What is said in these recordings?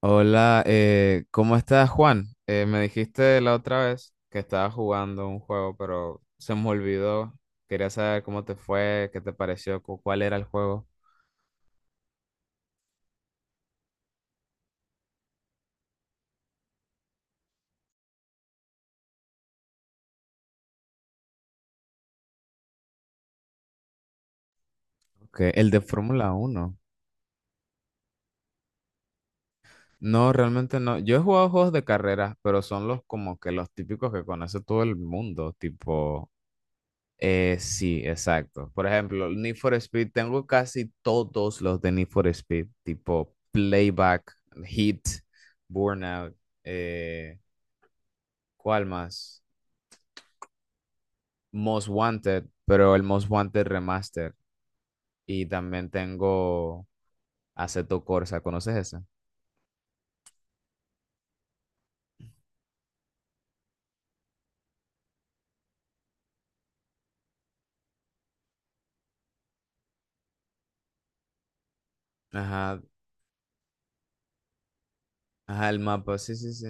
Hola, ¿cómo estás, Juan? Me dijiste la otra vez que estabas jugando un juego, pero se me olvidó. Quería saber cómo te fue, qué te pareció, cuál era el juego. Ok, el de Fórmula uno. No, realmente no. Yo he jugado juegos de carreras, pero son los como que los típicos que conoce todo el mundo, tipo... sí, exacto. Por ejemplo, el Need for Speed, tengo casi todos los de Need for Speed, tipo Playback, Heat, Burnout. eh, ¿Cuál más? Most Wanted, pero el Most Wanted Remaster. Y también tengo Assetto Corsa, ¿conoces esa? Ajá, ajá, el mapa, sí, sí, sí.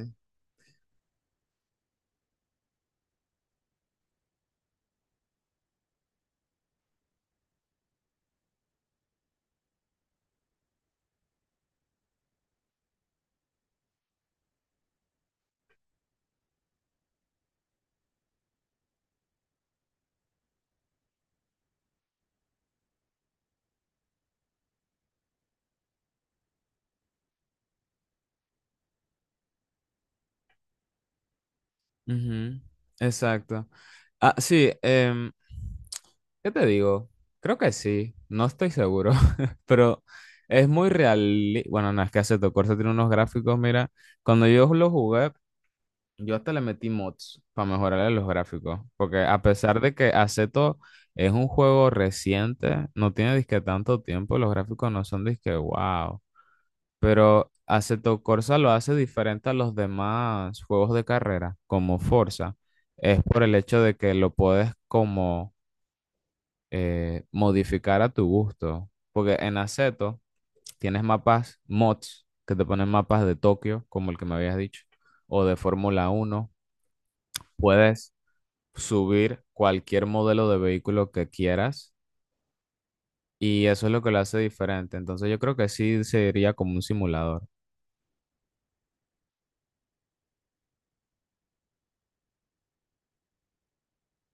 Ujú, exacto. Ah, sí, ¿qué te digo? Creo que sí, no estoy seguro, pero es muy real. Bueno, no, es que Assetto Corsa tiene unos gráficos, mira, cuando yo lo jugué, yo hasta le metí mods para mejorarle los gráficos, porque a pesar de que Aceto es un juego reciente, no tiene disque tanto tiempo, los gráficos no son disque wow, pero Aceto Corsa lo hace diferente a los demás juegos de carrera, como Forza, es por el hecho de que lo puedes como modificar a tu gusto, porque en Aceto tienes mapas mods que te ponen mapas de Tokio, como el que me habías dicho, o de Fórmula Uno puedes subir cualquier modelo de vehículo que quieras y eso es lo que lo hace diferente. Entonces yo creo que sí sería como un simulador.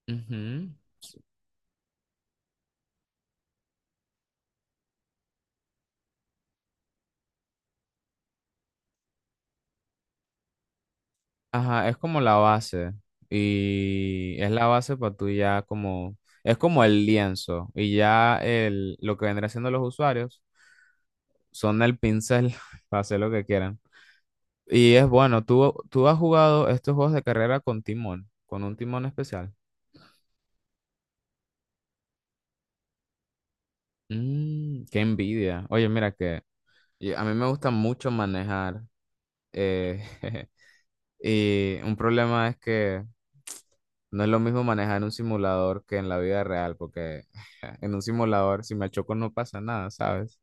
Ujú. Ajá, es como la base y es la base para tú ya como, es como el lienzo y ya el, lo que vendrá siendo los usuarios son el pincel para hacer lo que quieran. Y es bueno, tú has jugado estos juegos de carrera con timón, con un timón especial. Mm, qué envidia. Oye, mira que y a mí me gusta mucho manejar. eh, y un problema es que no es lo mismo manejar en un simulador que en la vida real, porque en un simulador, si me choco, no pasa nada, ¿sabes?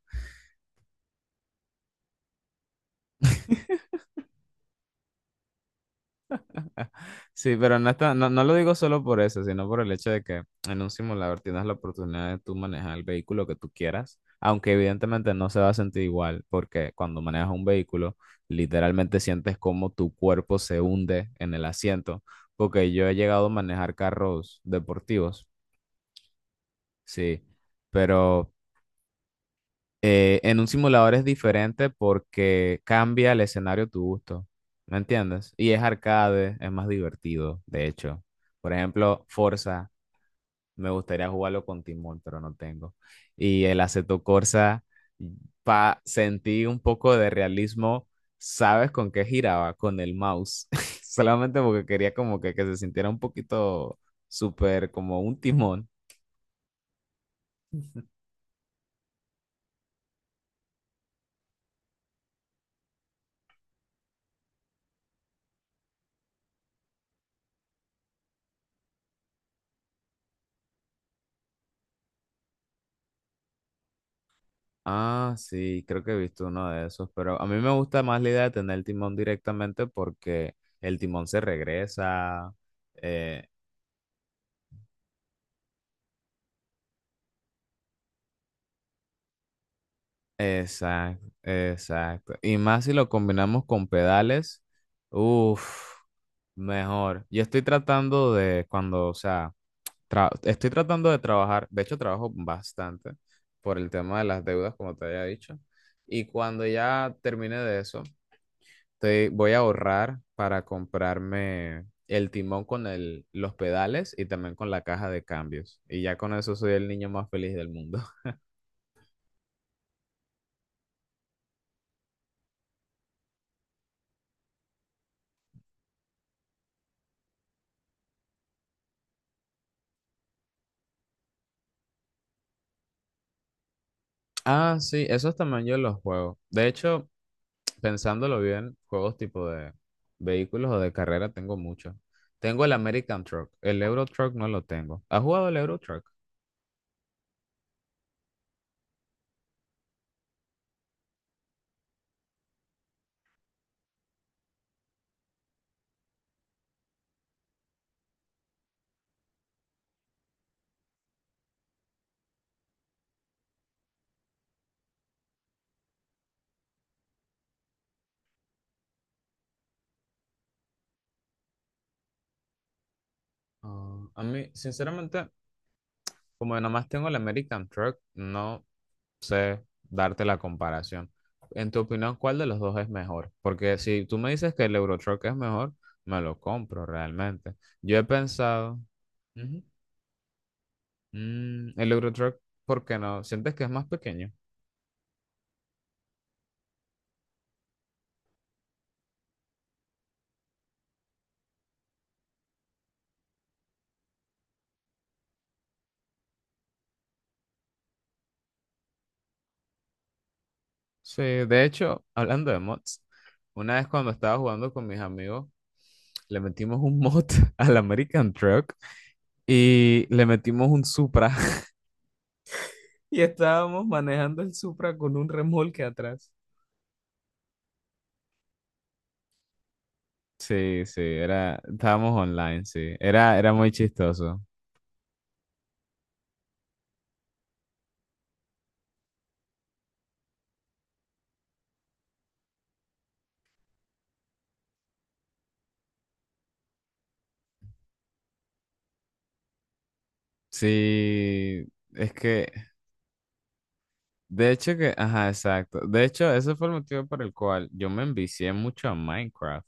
Sí, pero no, no, no lo digo solo por eso, sino por el hecho de que en un simulador tienes la oportunidad de tú manejar el vehículo que tú quieras, aunque evidentemente no se va a sentir igual, porque cuando manejas un vehículo, literalmente sientes como tu cuerpo se hunde en el asiento, porque yo he llegado a manejar carros deportivos, sí, pero en un simulador es diferente porque cambia el escenario a tu gusto, ¿me entiendes? Y es arcade, es más divertido, de hecho. Por ejemplo, Forza, me gustaría jugarlo con Timón, pero no tengo. Y el Assetto Corsa, pa sentí un poco de realismo, ¿sabes con qué giraba? Con el mouse. Solamente porque quería como que se sintiera un poquito súper como un timón. Ah, sí, creo que he visto uno de esos, pero a mí me gusta más la idea de tener el timón directamente porque el timón se regresa. eh, exacto, exacto. Y más si lo combinamos con pedales, uff, mejor. Yo estoy tratando de, cuando, o sea, estoy tratando de trabajar, de hecho trabajo bastante por el tema de las deudas, como te había dicho. Y cuando ya termine de eso voy a ahorrar para comprarme el timón con los pedales y también con la caja de cambios. Y ya con eso soy el niño más feliz del mundo. Ah, sí, esos también yo los juego. De hecho, pensándolo bien, juegos tipo de vehículos o de carrera tengo muchos. Tengo el American Truck, el Euro Truck no lo tengo. ¿Has jugado el Euro Truck? Ah, a mí, sinceramente, como nada más tengo el American Truck, no sé darte la comparación. En tu opinión, ¿cuál de los dos es mejor? Porque si tú me dices que el Eurotruck es mejor, me lo compro realmente. Yo he pensado, ujú, mm, el Eurotruck, ¿por qué no? ¿Sientes que es más pequeño? Sí, de hecho, hablando de mods, una vez cuando estaba jugando con mis amigos, le metimos un mod al American Truck y le metimos un Supra y estábamos manejando el Supra con un remolque atrás. Sí, sí, era, estábamos online, sí. Era, era muy chistoso. Sí, es que, de hecho que, ajá, exacto. De hecho, ese fue el motivo por el cual yo me envicié mucho a Minecraft.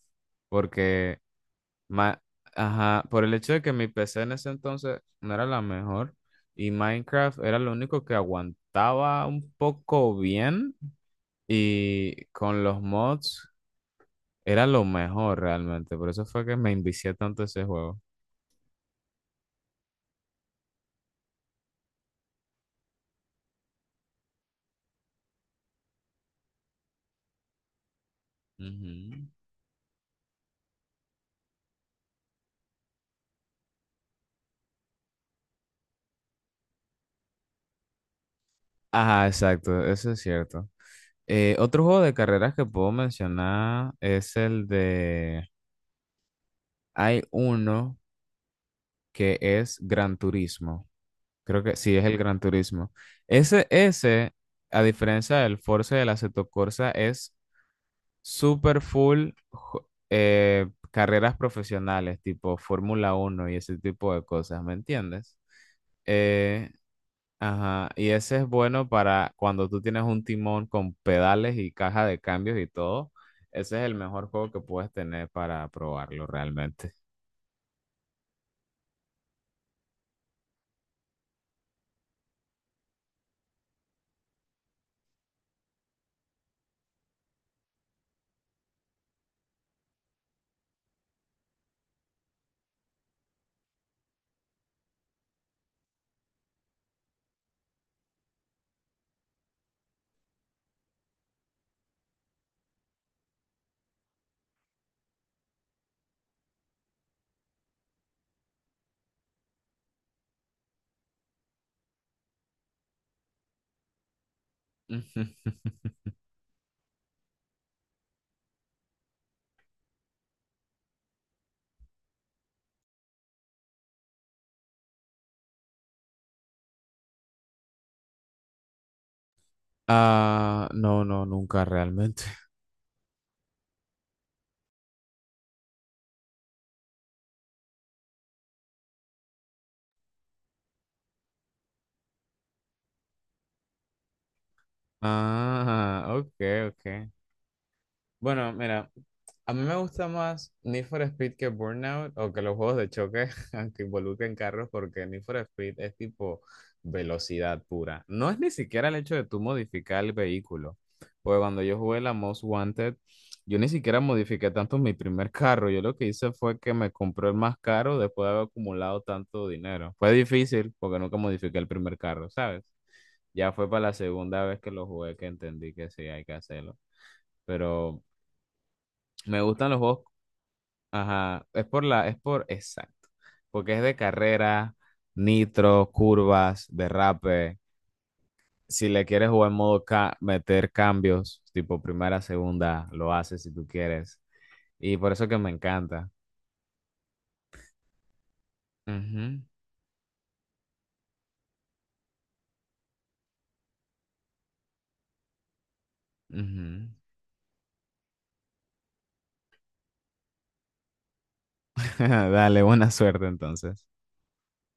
Porque, ma- ajá, por el hecho de que mi PC en ese entonces no era la mejor y Minecraft era lo único que aguantaba un poco bien y con los mods era lo mejor realmente. Por eso fue que me envicié tanto a ese juego. Ujú. Ajá, exacto, eso es cierto. Otro juego de carreras que puedo mencionar es el de... Hay uno que es Gran Turismo. Creo que sí es el Gran Turismo. Ese, a diferencia del Forza y del Assetto Corsa, es super full carreras profesionales, tipo Fórmula Uno y ese tipo de cosas, ¿me entiendes? Eh, Ajá, y ese es bueno para cuando tú tienes un timón con pedales y caja de cambios y todo. Ese es el mejor juego que puedes tener para probarlo realmente. Ah, no, no, nunca realmente. Ah, ok, ok. Bueno, mira, a mí me gusta más Need for Speed que Burnout o que los juegos de choque aunque involucren carros porque Need for Speed es tipo velocidad pura. No es ni siquiera el hecho de tú modificar el vehículo. Porque cuando yo jugué la Most Wanted, yo ni siquiera modifiqué tanto mi primer carro. Yo lo que hice fue que me compré el más caro después de haber acumulado tanto dinero. Fue difícil porque nunca modifiqué el primer carro, ¿sabes? Ya fue para la segunda vez que lo jugué que entendí que sí hay que hacerlo. Pero me gustan los juegos. Ajá. Es por, exacto. Porque es de carrera, nitro, curvas, derrape. Si le quieres jugar en modo meter cambios, tipo primera, segunda, lo haces si tú quieres. Y por eso que me encanta. Ujú, ujú. Dale, buena suerte entonces.